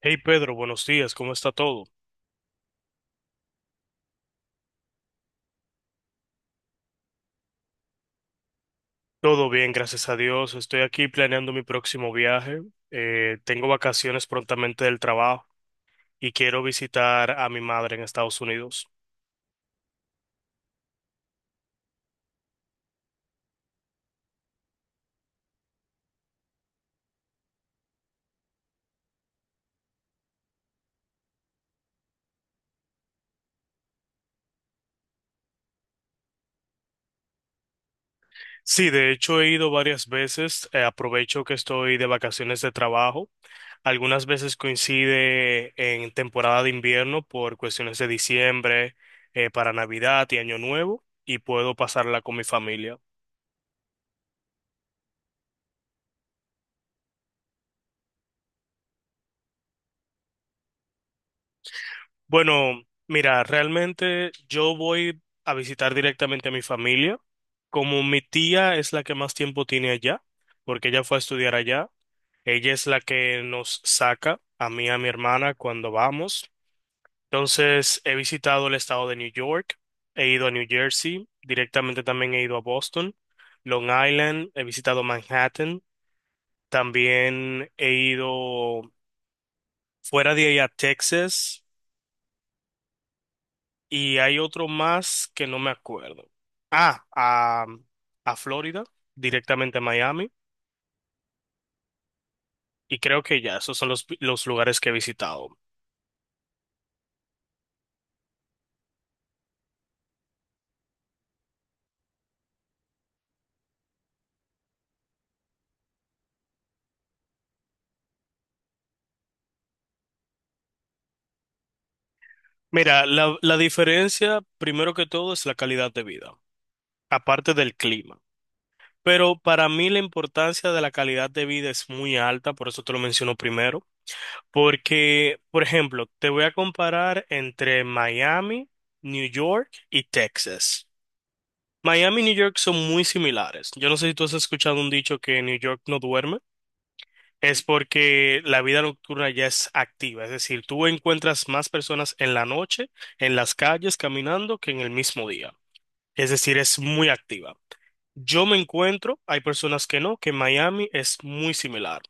Hey Pedro, buenos días, ¿cómo está todo? Todo bien, gracias a Dios. Estoy aquí planeando mi próximo viaje. Tengo vacaciones prontamente del trabajo y quiero visitar a mi madre en Estados Unidos. Sí, de hecho he ido varias veces. Aprovecho que estoy de vacaciones de trabajo. Algunas veces coincide en temporada de invierno por cuestiones de diciembre, para Navidad y Año Nuevo y puedo pasarla con mi familia. Bueno, mira, realmente yo voy a visitar directamente a mi familia. Como mi tía es la que más tiempo tiene allá, porque ella fue a estudiar allá, ella es la que nos saca a mí y a mi hermana cuando vamos. Entonces, he visitado el estado de New York, he ido a New Jersey, directamente también he ido a Boston, Long Island, he visitado Manhattan, también he ido fuera de ahí a Texas. Y hay otro más que no me acuerdo. Ah, a Florida, directamente a Miami. Y creo que ya, esos son los lugares que he visitado. Mira, la diferencia, primero que todo, es la calidad de vida, aparte del clima. Pero para mí la importancia de la calidad de vida es muy alta, por eso te lo menciono primero. Porque, por ejemplo, te voy a comparar entre Miami, New York y Texas. Miami y New York son muy similares. Yo no sé si tú has escuchado un dicho que New York no duerme. Es porque la vida nocturna ya es activa. Es decir, tú encuentras más personas en la noche, en las calles, caminando, que en el mismo día. Es decir, es muy activa. Yo me encuentro, hay personas que no, que Miami es muy similar.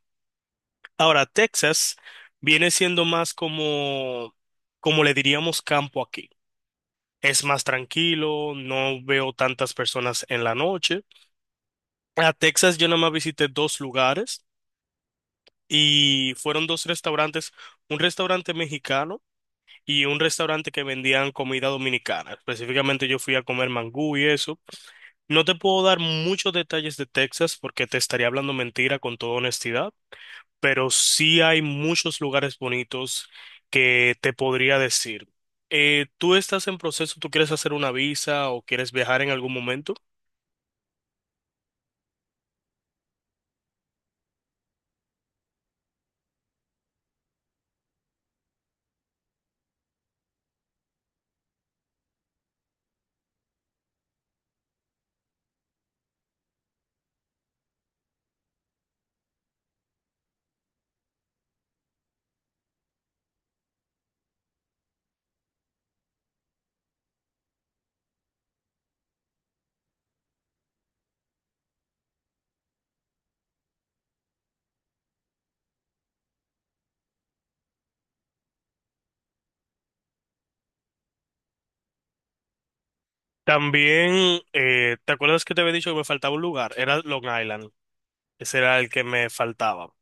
Ahora, Texas viene siendo más como, como le diríamos campo aquí. Es más tranquilo, no veo tantas personas en la noche. A Texas yo nada más visité dos lugares y fueron dos restaurantes, un restaurante mexicano y un restaurante que vendían comida dominicana. Específicamente yo fui a comer mangú y eso. No te puedo dar muchos detalles de Texas porque te estaría hablando mentira con toda honestidad, pero sí hay muchos lugares bonitos que te podría decir. ¿Tú estás en proceso? ¿Tú quieres hacer una visa o quieres viajar en algún momento? También, ¿te acuerdas que te había dicho que me faltaba un lugar? Era Long Island. Ese era el que me faltaba.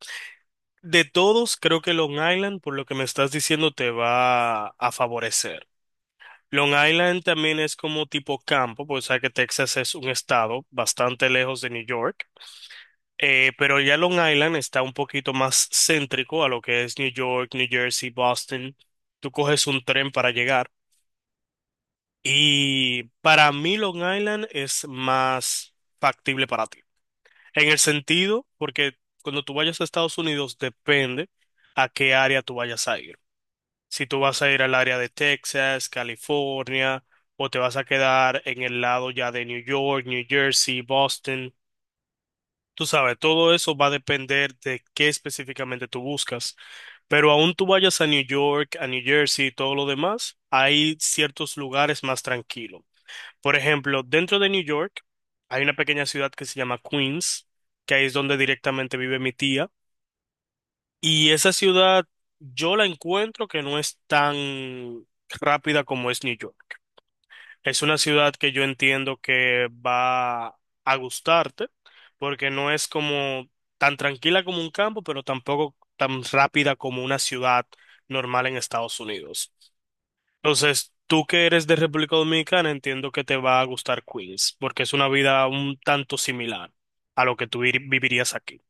De todos, creo que Long Island, por lo que me estás diciendo, te va a favorecer. Long Island también es como tipo campo, porque sabes que Texas es un estado bastante lejos de New York. Pero ya Long Island está un poquito más céntrico a lo que es New York, New Jersey, Boston. Tú coges un tren para llegar. Y para mí Long Island es más factible para ti. En el sentido, porque cuando tú vayas a Estados Unidos depende a qué área tú vayas a ir. Si tú vas a ir al área de Texas, California, o te vas a quedar en el lado ya de New York, New Jersey, Boston. Tú sabes, todo eso va a depender de qué específicamente tú buscas. Pero aún tú vayas a New York, a New Jersey y todo lo demás, hay ciertos lugares más tranquilos. Por ejemplo, dentro de New York hay una pequeña ciudad que se llama Queens, que ahí es donde directamente vive mi tía. Y esa ciudad yo la encuentro que no es tan rápida como es New York. Es una ciudad que yo entiendo que va a gustarte, porque no es como tan tranquila como un campo, pero tampoco tan rápida como una ciudad normal en Estados Unidos. Entonces, tú que eres de República Dominicana, entiendo que te va a gustar Queens, porque es una vida un tanto similar a lo que tú vivirías aquí.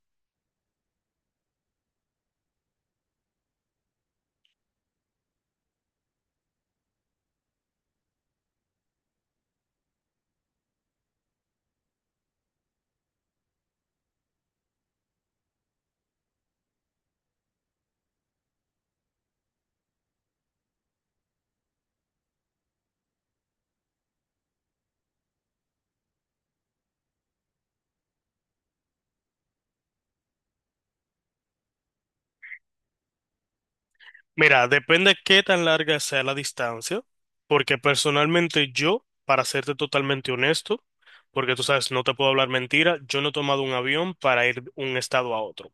Mira, depende qué tan larga sea la distancia, porque personalmente yo, para serte totalmente honesto, porque tú sabes, no te puedo hablar mentira, yo no he tomado un avión para ir de un estado a otro.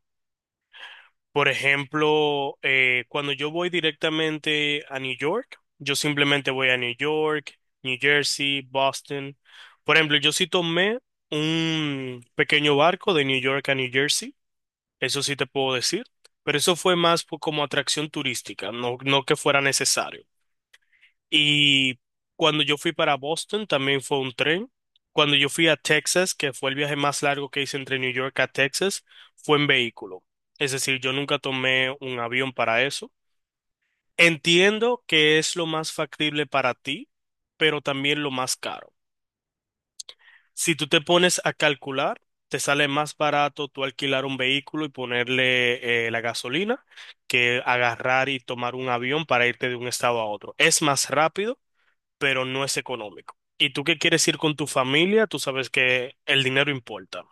Por ejemplo, cuando yo voy directamente a New York, yo simplemente voy a New York, New Jersey, Boston. Por ejemplo, yo sí tomé un pequeño barco de New York a New Jersey, eso sí te puedo decir, pero eso fue más como atracción turística, no, no que fuera necesario. Y cuando yo fui para Boston también fue un tren. Cuando yo fui a Texas, que fue el viaje más largo que hice entre New York a Texas, fue en vehículo. Es decir, yo nunca tomé un avión para eso. Entiendo que es lo más factible para ti, pero también lo más caro. Si tú te pones a calcular, te sale más barato tú alquilar un vehículo y ponerle la gasolina que agarrar y tomar un avión para irte de un estado a otro. Es más rápido pero no es económico. Y tú que quieres ir con tu familia, tú sabes que el dinero importa.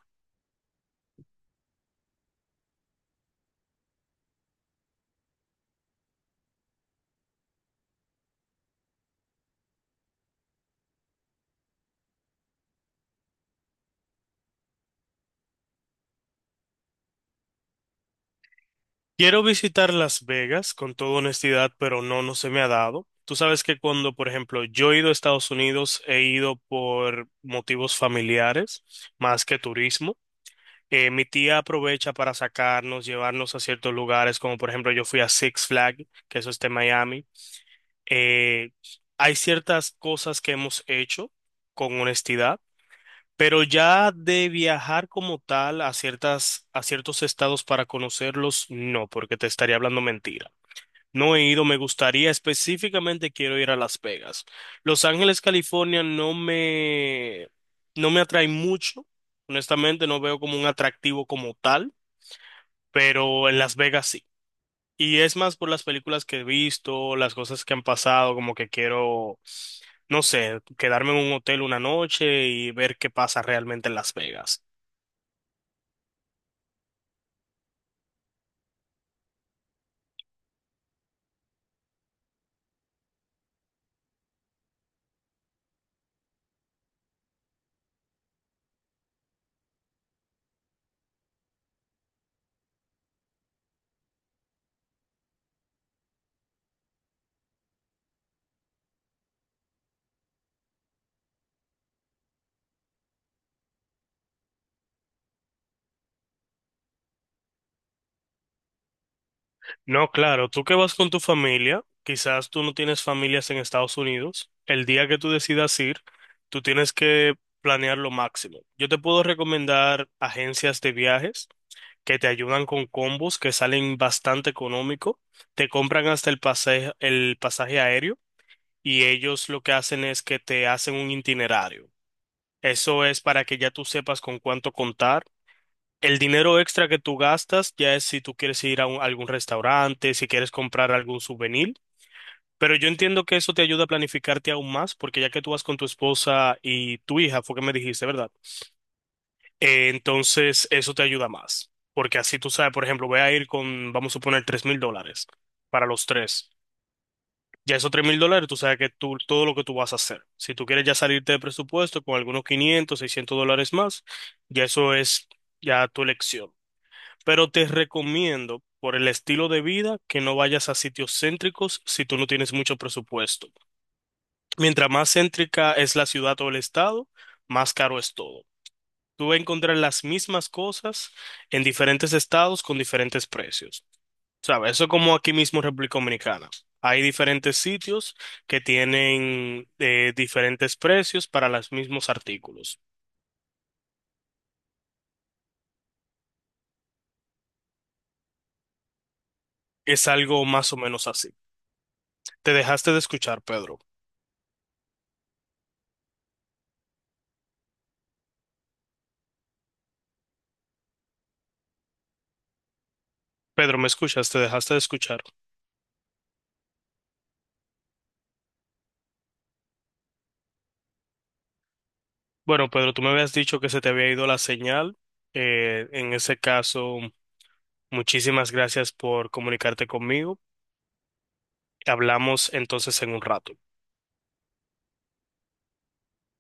Quiero visitar Las Vegas con toda honestidad, pero no, no se me ha dado. Tú sabes que cuando, por ejemplo, yo he ido a Estados Unidos, he ido por motivos familiares más que turismo. Mi tía aprovecha para sacarnos, llevarnos a ciertos lugares, como por ejemplo yo fui a Six Flag, que eso está en Miami. Eh, Hay ciertas cosas que hemos hecho con honestidad, pero ya de viajar como tal a ciertas, a ciertos estados para conocerlos, no, porque te estaría hablando mentira. No he ido, me gustaría, específicamente quiero ir a Las Vegas. Los Ángeles, California, no me, no me atrae mucho. Honestamente, no veo como un atractivo como tal pero en Las Vegas sí. Y es más por las películas que he visto, las cosas que han pasado, como que quiero, no sé, quedarme en un hotel una noche y ver qué pasa realmente en Las Vegas. No, claro, tú que vas con tu familia, quizás tú no tienes familias en Estados Unidos, el día que tú decidas ir, tú tienes que planear lo máximo. Yo te puedo recomendar agencias de viajes que te ayudan con combos que salen bastante económico, te compran hasta el pasaje aéreo y ellos lo que hacen es que te hacen un itinerario. Eso es para que ya tú sepas con cuánto contar el dinero extra que tú gastas ya es si tú quieres ir a, algún restaurante, si quieres comprar algún souvenir, pero yo entiendo que eso te ayuda a planificarte aún más, porque ya que tú vas con tu esposa y tu hija, fue que me dijiste, ¿verdad? Entonces eso te ayuda más, porque así tú sabes, por ejemplo, voy a ir con, vamos a suponer, $3,000 para los tres. Ya esos $3,000, tú sabes que tú, todo lo que tú vas a hacer. Si tú quieres ya salirte de presupuesto con algunos $500, $600 más, ya eso es ya tu elección. Pero te recomiendo, por el estilo de vida, que no vayas a sitios céntricos si tú no tienes mucho presupuesto. Mientras más céntrica es la ciudad o el estado, más caro es todo. Tú vas a encontrar las mismas cosas en diferentes estados con diferentes precios. ¿Sabes? Eso es como aquí mismo en República Dominicana. Hay diferentes sitios que tienen diferentes precios para los mismos artículos. Es algo más o menos así. Te dejaste de escuchar, Pedro. Pedro, ¿me escuchas? Te dejaste de escuchar. Bueno, Pedro, tú me habías dicho que se te había ido la señal. En ese caso, muchísimas gracias por comunicarte conmigo. Hablamos entonces en un rato.